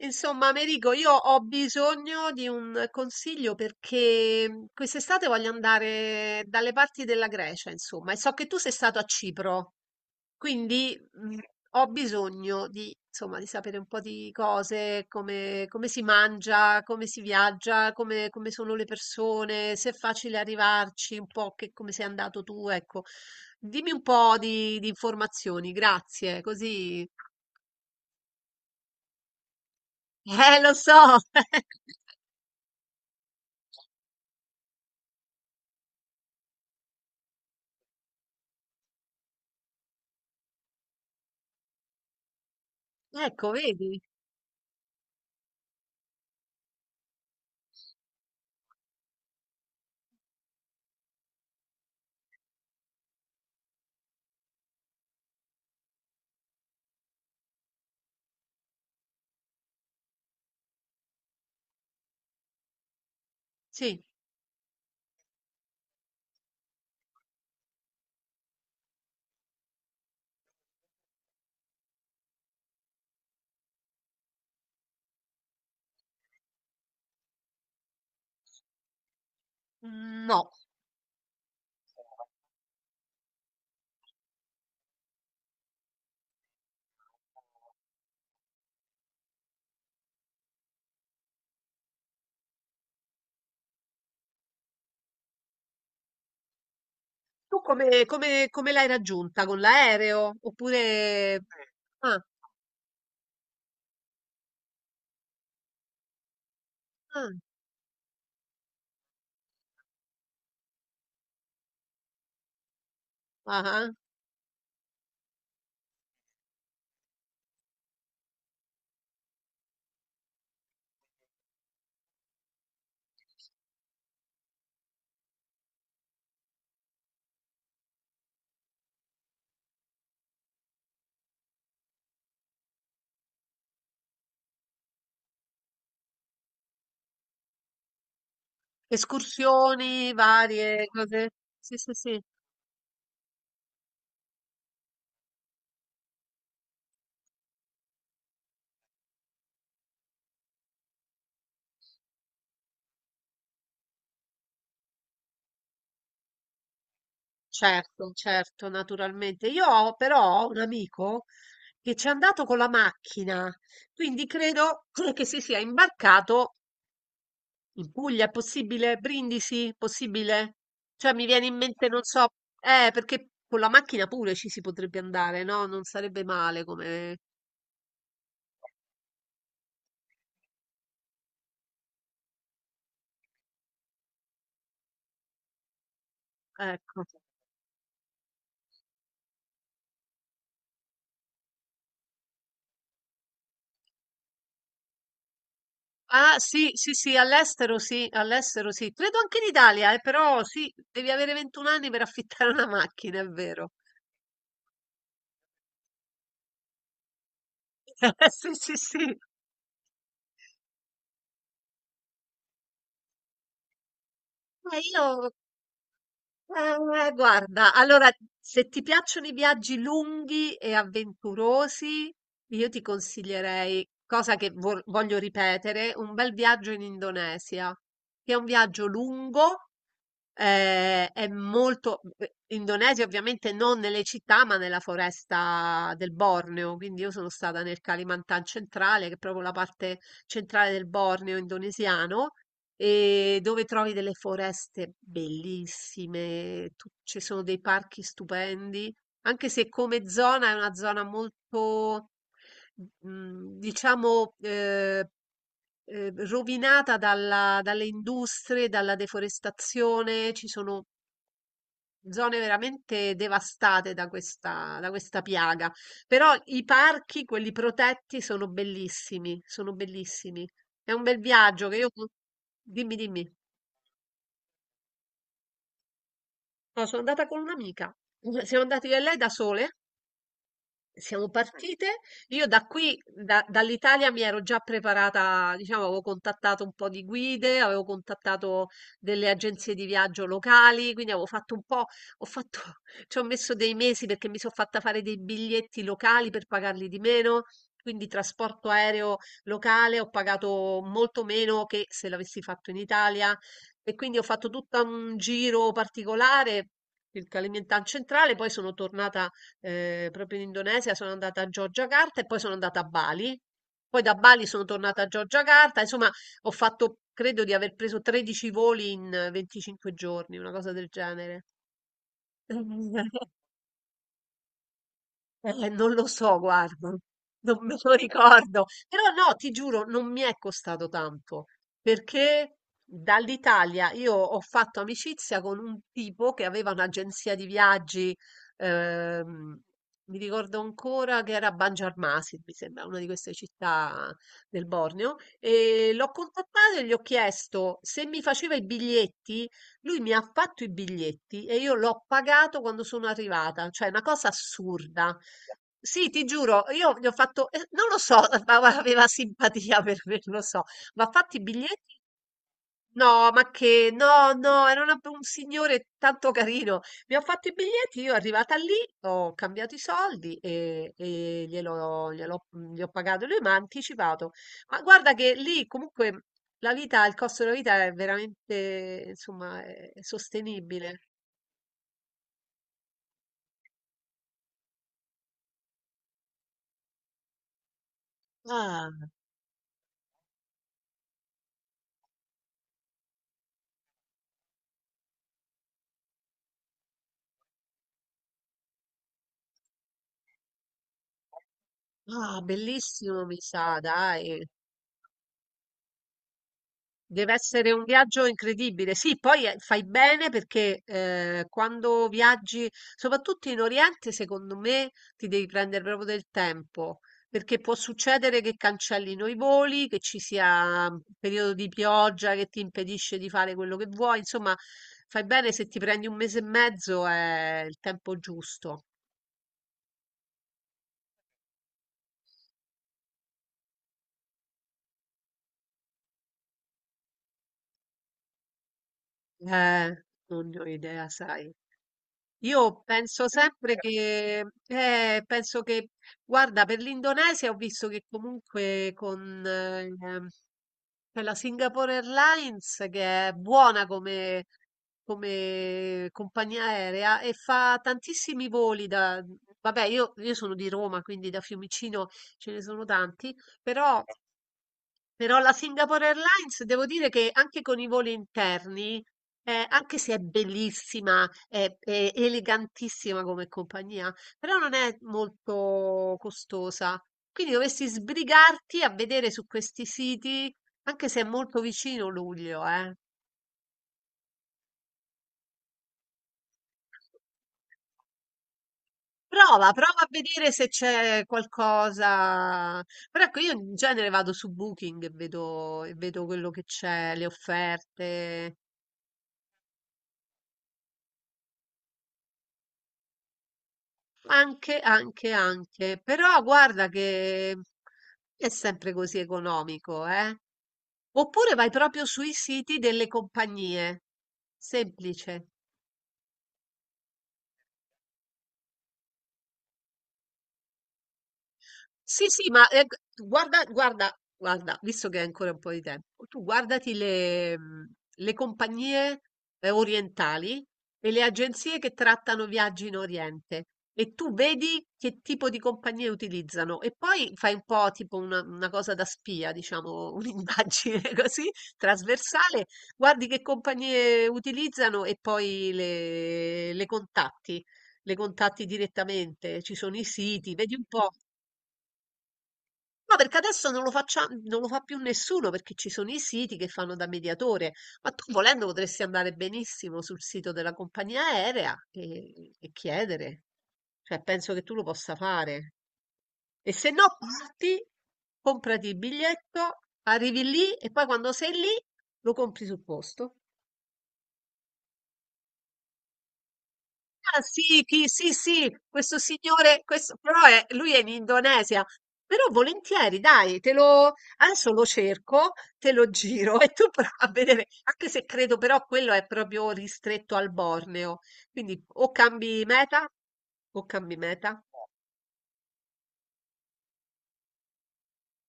Insomma, Americo, io ho bisogno di un consiglio perché quest'estate voglio andare dalle parti della Grecia, insomma, e so che tu sei stato a Cipro, quindi ho bisogno di, insomma, di sapere un po' di cose, come si mangia, come si viaggia, come sono le persone, se è facile arrivarci, un po' che, come sei andato tu, ecco. Dimmi un po' di informazioni, grazie, così. Lo so! Ecco, vedi? Sì, mhmm, no. Tu come l'hai raggiunta? Con l'aereo? Oppure. Sì. Ah, ah, ah-ah. Escursioni varie, cose. Sì, sì, sì. Certo, certo, naturalmente. Io ho però ho un amico che c'è andato con la macchina, quindi credo che si sia imbarcato. In Puglia è possibile? Brindisi? Possibile? Cioè mi viene in mente, non so, perché con la macchina pure ci si potrebbe andare, no? Non sarebbe male come. Ecco. Ah, sì, sì, sì, all'estero sì, all'estero sì. Credo anche in Italia, però sì, devi avere 21 anni per affittare una macchina, è vero. Sì, sì, sì. Ma io guarda, allora, se ti piacciono i viaggi lunghi e avventurosi, io ti consiglierei, cosa che voglio ripetere, un bel viaggio in Indonesia, che è un viaggio lungo. È molto beh, Indonesia ovviamente non nelle città, ma nella foresta del Borneo, quindi io sono stata nel Kalimantan centrale, che è proprio la parte centrale del Borneo indonesiano, e dove trovi delle foreste bellissime, ci sono dei parchi stupendi, anche se come zona è una zona molto, diciamo, rovinata dalle industrie, dalla deforestazione, ci sono zone veramente devastate da questa piaga. Però i parchi, quelli protetti, sono bellissimi, sono bellissimi. È un bel viaggio che io... Dimmi, dimmi. No, sono andata con un'amica. Siamo andati io e lei da sole. Siamo partite. Io da qui, dall'Italia, mi ero già preparata, diciamo, avevo contattato un po' di guide, avevo contattato delle agenzie di viaggio locali, quindi avevo fatto un po', ho fatto, ci ho messo dei mesi perché mi sono fatta fare dei biglietti locali per pagarli di meno, quindi trasporto aereo locale ho pagato molto meno che se l'avessi fatto in Italia e quindi ho fatto tutto un giro particolare. Il Kalimantan centrale, poi sono tornata proprio in Indonesia, sono andata a Giorgiacarta e poi sono andata a Bali. Poi da Bali sono tornata a Giorgiacarta, insomma, ho fatto, credo di aver preso 13 voli in 25 giorni, una cosa del genere. Non lo so, guarda, non me lo ricordo, però no, ti giuro, non mi è costato tanto, perché dall'Italia io ho fatto amicizia con un tipo che aveva un'agenzia di viaggi, ehm, mi ricordo ancora che era a Banjarmasin, mi sembra, una di queste città del Borneo, e l'ho contattato e gli ho chiesto se mi faceva i biglietti. Lui mi ha fatto i biglietti e io l'ho pagato quando sono arrivata, cioè è una cosa assurda. Sì, ti giuro, io gli ho fatto, non lo so, ma aveva simpatia per me, non lo so, ma ha fatto i biglietti. No, ma che? No, no, era un signore tanto carino. Mi ha fatto i biglietti, io arrivata lì, ho cambiato i soldi e gli ho pagato, lui mi ha anticipato. Ma guarda che lì comunque la vita, il costo della vita è veramente, insomma, è sostenibile. Ah, ah, bellissimo, mi sa, dai. Deve essere un viaggio incredibile. Sì, poi fai bene perché quando viaggi, soprattutto in Oriente, secondo me ti devi prendere proprio del tempo, perché può succedere che cancellino i voli, che ci sia un periodo di pioggia che ti impedisce di fare quello che vuoi. Insomma, fai bene se ti prendi un mese e mezzo è il tempo giusto. Non ne ho idea, sai. Io penso sempre che, penso che, guarda, per l'Indonesia ho visto che comunque con quella Singapore Airlines, che è buona come compagnia aerea e fa tantissimi voli da... Vabbè, io sono di Roma, quindi da Fiumicino ce ne sono tanti, però però la Singapore Airlines, devo dire che anche con i voli interni, anche se è bellissima, è elegantissima come compagnia, però non è molto costosa. Quindi dovresti sbrigarti a vedere su questi siti, anche se è molto vicino luglio, eh. Prova, prova a vedere se c'è qualcosa. Però ecco, io in genere vado su Booking e vedo quello che c'è, le offerte. Anche, anche, anche, però guarda che è sempre così economico, eh? Oppure vai proprio sui siti delle compagnie. Semplice. Sì, sì, ma, g guarda guarda guarda, visto che hai ancora un po' di tempo, tu guardati le le compagnie, orientali e le agenzie che trattano viaggi in Oriente e tu vedi che tipo di compagnie utilizzano e poi fai un po' tipo una cosa da spia, diciamo, un'indagine così trasversale, guardi che compagnie utilizzano e poi le contatti, le contatti direttamente, ci sono i siti, vedi un po'. No, perché adesso non lo fa più nessuno, perché ci sono i siti che fanno da mediatore, ma tu volendo potresti andare benissimo sul sito della compagnia aerea e chiedere. Cioè, penso che tu lo possa fare. E se no, parti, comprati il biglietto, arrivi lì e poi quando sei lì lo compri sul posto. Ah sì, chi? Sì, sì, questo signore, questo, però è, lui è in Indonesia. Però volentieri, dai, adesso lo cerco, te lo giro e tu prova a vedere, anche se credo però quello è proprio ristretto al Borneo. Quindi o cambi meta o cambi meta.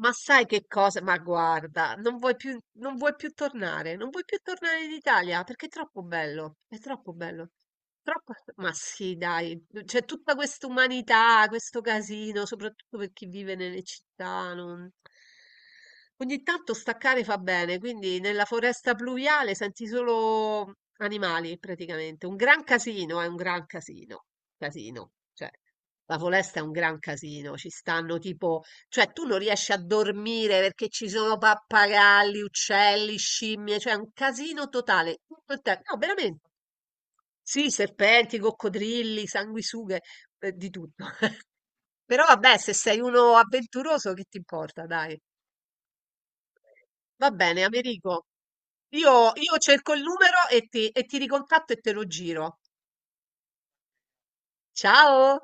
Ma sai che cosa? Ma guarda, non vuoi più tornare in Italia perché è troppo bello, è troppo bello. Troppo... Ma sì, dai, c'è tutta questa umanità, questo casino, soprattutto per chi vive nelle città. Ogni tanto staccare fa bene, quindi nella foresta pluviale senti solo animali praticamente. Un gran casino, è un gran casino, casino. Cioè, la foresta è un gran casino, ci stanno tipo cioè, tu non riesci a dormire perché ci sono pappagalli, uccelli, scimmie, cioè è un casino totale. Tutto il tempo. No, veramente. Sì, serpenti, coccodrilli, sanguisughe, di tutto. Però vabbè, se sei uno avventuroso, che ti importa, dai. Va bene, Americo. Io cerco il numero e ti ricontatto e te lo giro. Ciao!